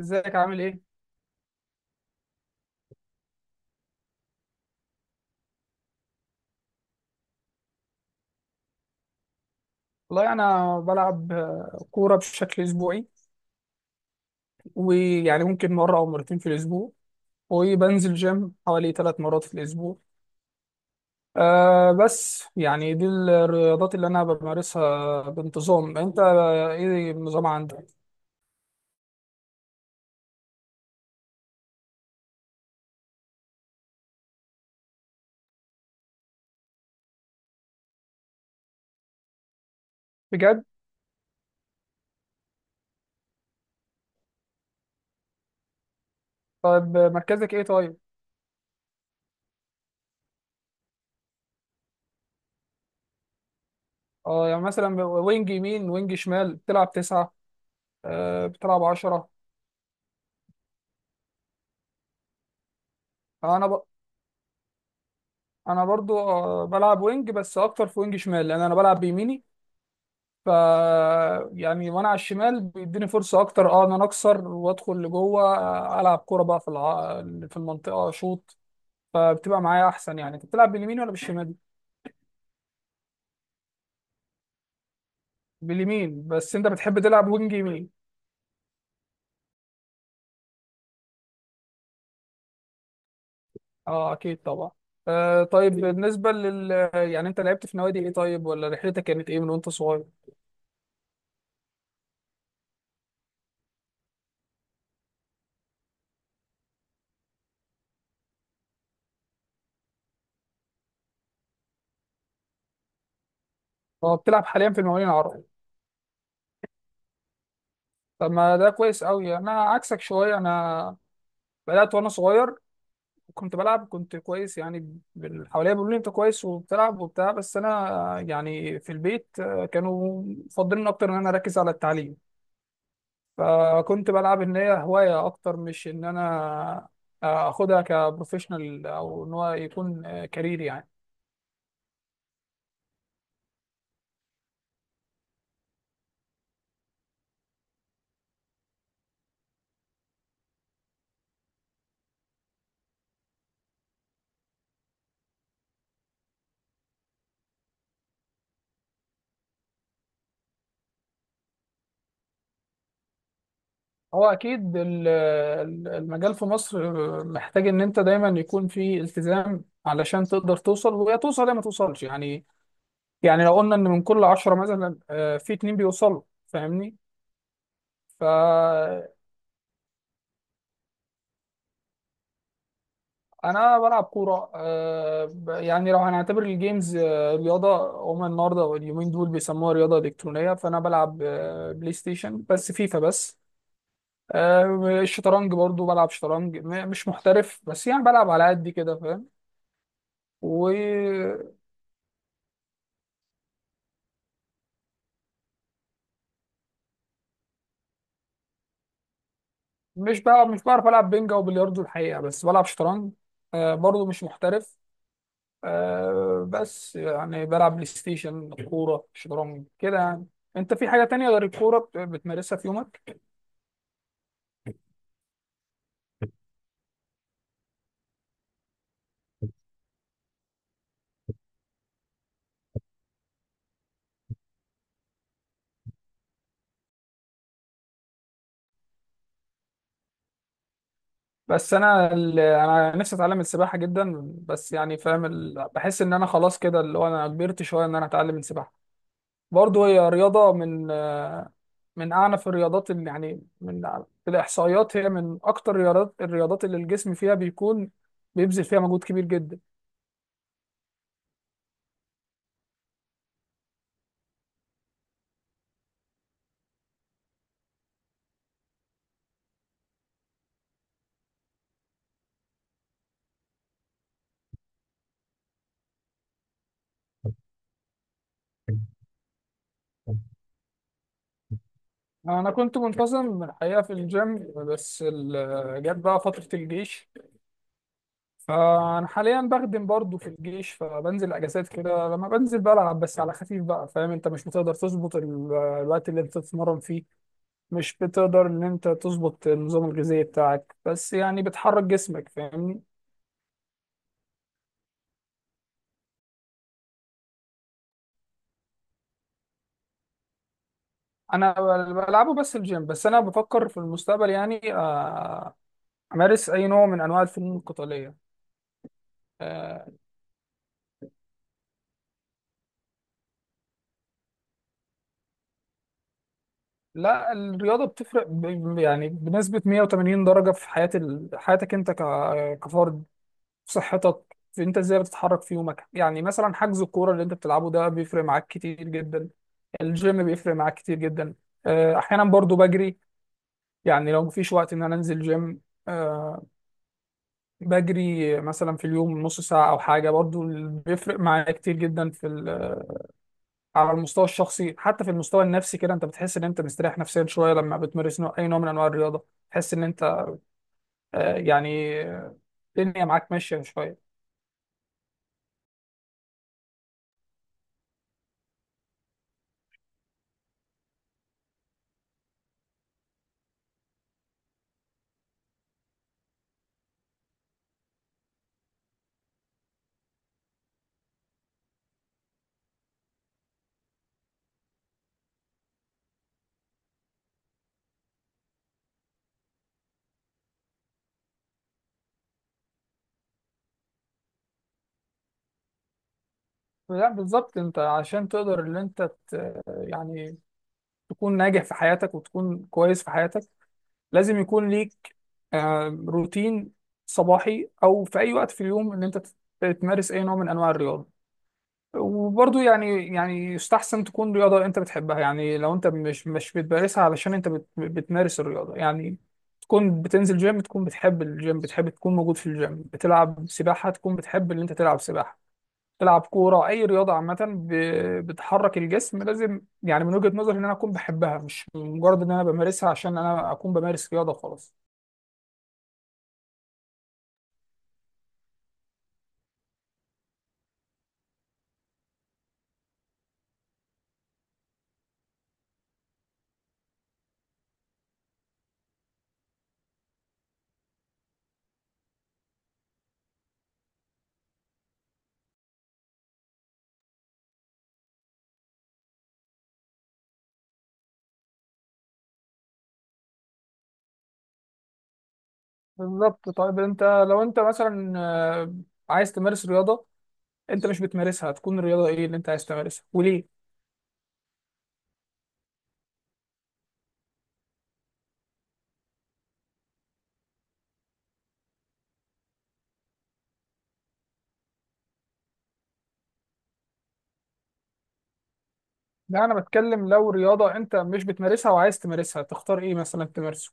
ازيك عامل ايه؟ والله انا بلعب كوره بشكل اسبوعي. ويعني ممكن مره او مرتين في الاسبوع. وبنزل جيم حوالي ثلاث مرات في الاسبوع. أه بس يعني دي الرياضات اللي انا بمارسها بانتظام. انت ايه النظام عندك؟ بجد؟ طيب مركزك ايه طيب؟ اه يعني مثلا وينج يمين وينج شمال بتلعب تسعة. أه بتلعب عشرة. انا ب... انا برضو بلعب وينج، بس اكتر في وينج شمال لان انا بلعب بيميني. ف يعني وانا على الشمال بيديني فرصه اكتر، اه، ان انا اكسر وادخل لجوه، العب كوره بقى في المنطقه، شوط. فبتبقى معايا احسن. يعني انت بتلعب باليمين ولا بالشمال؟ باليمين؟ بس انت بتحب تلعب وينج يمين. اه اكيد طبعا. آه طيب بالنسبه لل، يعني، انت لعبت في نوادي ايه طيب؟ ولا رحلتك كانت ايه من وانت صغير؟ اه بتلعب حاليا في المقاولين العرب. طب ما ده كويس قوي. انا عكسك شويه، انا بدات وانا صغير، كنت بلعب، كنت كويس يعني، حواليا بيقولوا لي انت كويس وبتلعب وبتاع، بس انا يعني في البيت كانوا مفضلين اكتر ان انا اركز على التعليم. فكنت بلعب ان هي هواية اكتر، مش ان انا اخدها كبروفيشنال او ان هو يكون كارير يعني. هو اكيد المجال في مصر محتاج ان انت دايما يكون في التزام علشان تقدر توصل. ويا توصل يا ما توصلش يعني. يعني لو قلنا ان من كل عشرة مثلا في اتنين بيوصلوا، فاهمني. فأنا بلعب كورة، يعني لو هنعتبر الجيمز رياضة، هما النهاردة واليومين دول بيسموها رياضة إلكترونية، فأنا بلعب بلاي ستيشن، بس فيفا بس. الشطرنج برضو بلعب شطرنج، مش محترف بس، يعني بلعب على قد كده، فاهم. ومش بلعب، مش بعرف ألعب بينجا وبلياردو الحقيقة، بس بلعب شطرنج برضو مش محترف. آه بس يعني بلعب بلاي ستيشن، كورة، شطرنج كده يعني. انت في حاجة تانية غير الكورة بتمارسها في يومك؟ بس انا انا نفسي اتعلم السباحة جدا، بس يعني فاهم ال... بحس ان انا خلاص كده اللي هو انا كبرت شوية ان انا اتعلم السباحة. برضه هي رياضة من آه، من اعنف الرياضات، اللي يعني من، في الاحصائيات هي من اكتر الرياضات اللي الجسم فيها بيكون بيبذل فيها مجهود كبير جدا. انا كنت منتظم الحقيقه في الجيم، بس جت بقى فتره الجيش، فانا حاليا بخدم برضه في الجيش، فبنزل اجازات كده، لما بنزل بلعب بس على خفيف بقى، فاهم، انت مش بتقدر تظبط الوقت اللي انت تتمرن فيه، مش بتقدر ان انت تظبط النظام الغذائي بتاعك، بس يعني بتحرك جسمك، فاهمني. بلعبه بس الجيم، بس انا بفكر في المستقبل يعني امارس اي نوع من انواع الفنون القتاليه. آه، لا الرياضة بتفرق يعني بنسبة 180 درجة في حياتك، كفرد، في صحتك، في انت ازاي بتتحرك في يومك. يعني مثلا حجز الكورة اللي انت بتلعبه ده بيفرق معاك كتير جدا، الجيم بيفرق معاك كتير جدا. احيانا برضو بجري، يعني لو مفيش وقت ان انا انزل جيم آه، بجري مثلا في اليوم نص ساعة او حاجة، برضو بيفرق معايا كتير جدا في، على المستوى الشخصي، حتى في المستوى النفسي. كده انت بتحس ان انت مستريح نفسيا شويه لما بتمارس نوع، اي نوع من انواع الرياضه. تحس ان انت آه، يعني آه، الدنيا معاك ماشيه شويه. لا بالظبط، انت عشان تقدر ان انت يعني تكون ناجح في حياتك وتكون كويس في حياتك، لازم يكون ليك روتين صباحي او في اي وقت في اليوم ان انت تمارس اي نوع من انواع الرياضه. وبرضه يعني، يعني يستحسن تكون رياضة انت بتحبها، يعني لو انت مش بتمارسها علشان انت بتمارس الرياضة يعني، تكون بتنزل جيم تكون بتحب الجيم، بتحب تكون موجود في الجيم، بتلعب سباحة تكون بتحب ان انت تلعب سباحة، تلعب كورة، اي رياضة عامة بتحرك الجسم لازم يعني من وجهة نظري ان انا اكون بحبها، مش مجرد ان انا بمارسها عشان انا اكون بمارس رياضة خلاص. بالظبط. طيب انت لو انت مثلا عايز تمارس رياضة انت مش بتمارسها، تكون الرياضة ايه اللي انت عايز تمارسها وليه؟ لا انا بتكلم لو رياضه انت مش بتمارسها وعايز تمارسها تختار ايه مثلا تمارسه؟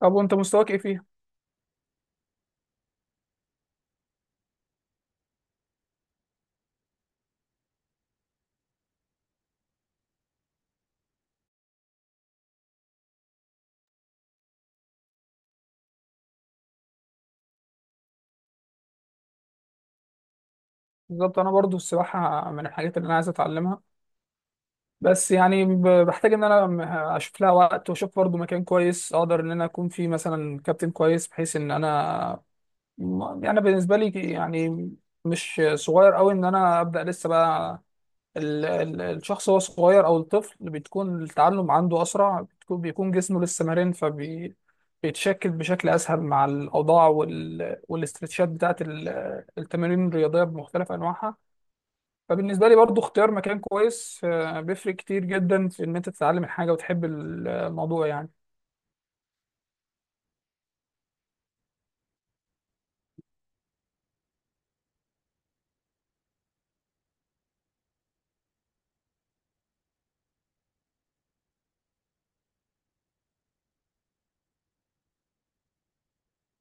طب وانت مستواك ايه فيها؟ بالظبط، انا برضو السباحه من الحاجات اللي انا عايز اتعلمها، بس يعني بحتاج ان انا اشوف لها وقت، واشوف برضو مكان كويس اقدر ان انا اكون فيه مثلا كابتن كويس، بحيث ان انا يعني بالنسبه لي يعني مش صغير قوي ان انا ابدا لسه بقى. الشخص وهو صغير او الطفل بتكون التعلم عنده اسرع، بتكون، بيكون جسمه لسه مرن، فبيتشكل بشكل اسهل مع الاوضاع والاسترتشات بتاعت التمارين الرياضيه بمختلف انواعها. فبالنسبه لي برضو اختيار مكان كويس بيفرق كتير جدا في ان انت تتعلم الحاجه وتحب الموضوع يعني.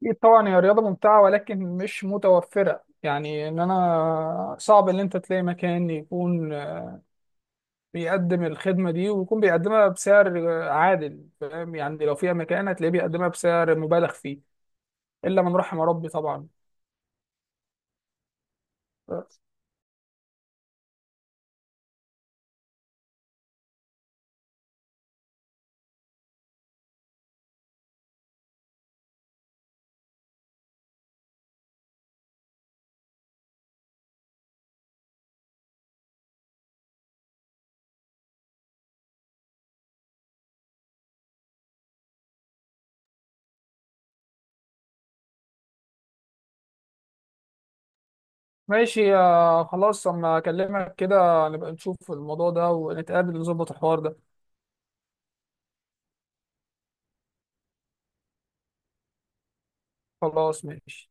اكيد طبعا هي رياضه ممتعه، ولكن مش متوفره، يعني ان انا صعب ان انت تلاقي مكان يكون بيقدم الخدمة دي ويكون بيقدمها بسعر عادل. فاهم، يعني لو فيها مكان هتلاقيه بيقدمها بسعر مبالغ فيه، إلا من رحم ربي طبعا. ماشي يا خلاص، أما أكلمك كده نبقى نشوف الموضوع ده ونتقابل نظبط الحوار ده. خلاص ماشي.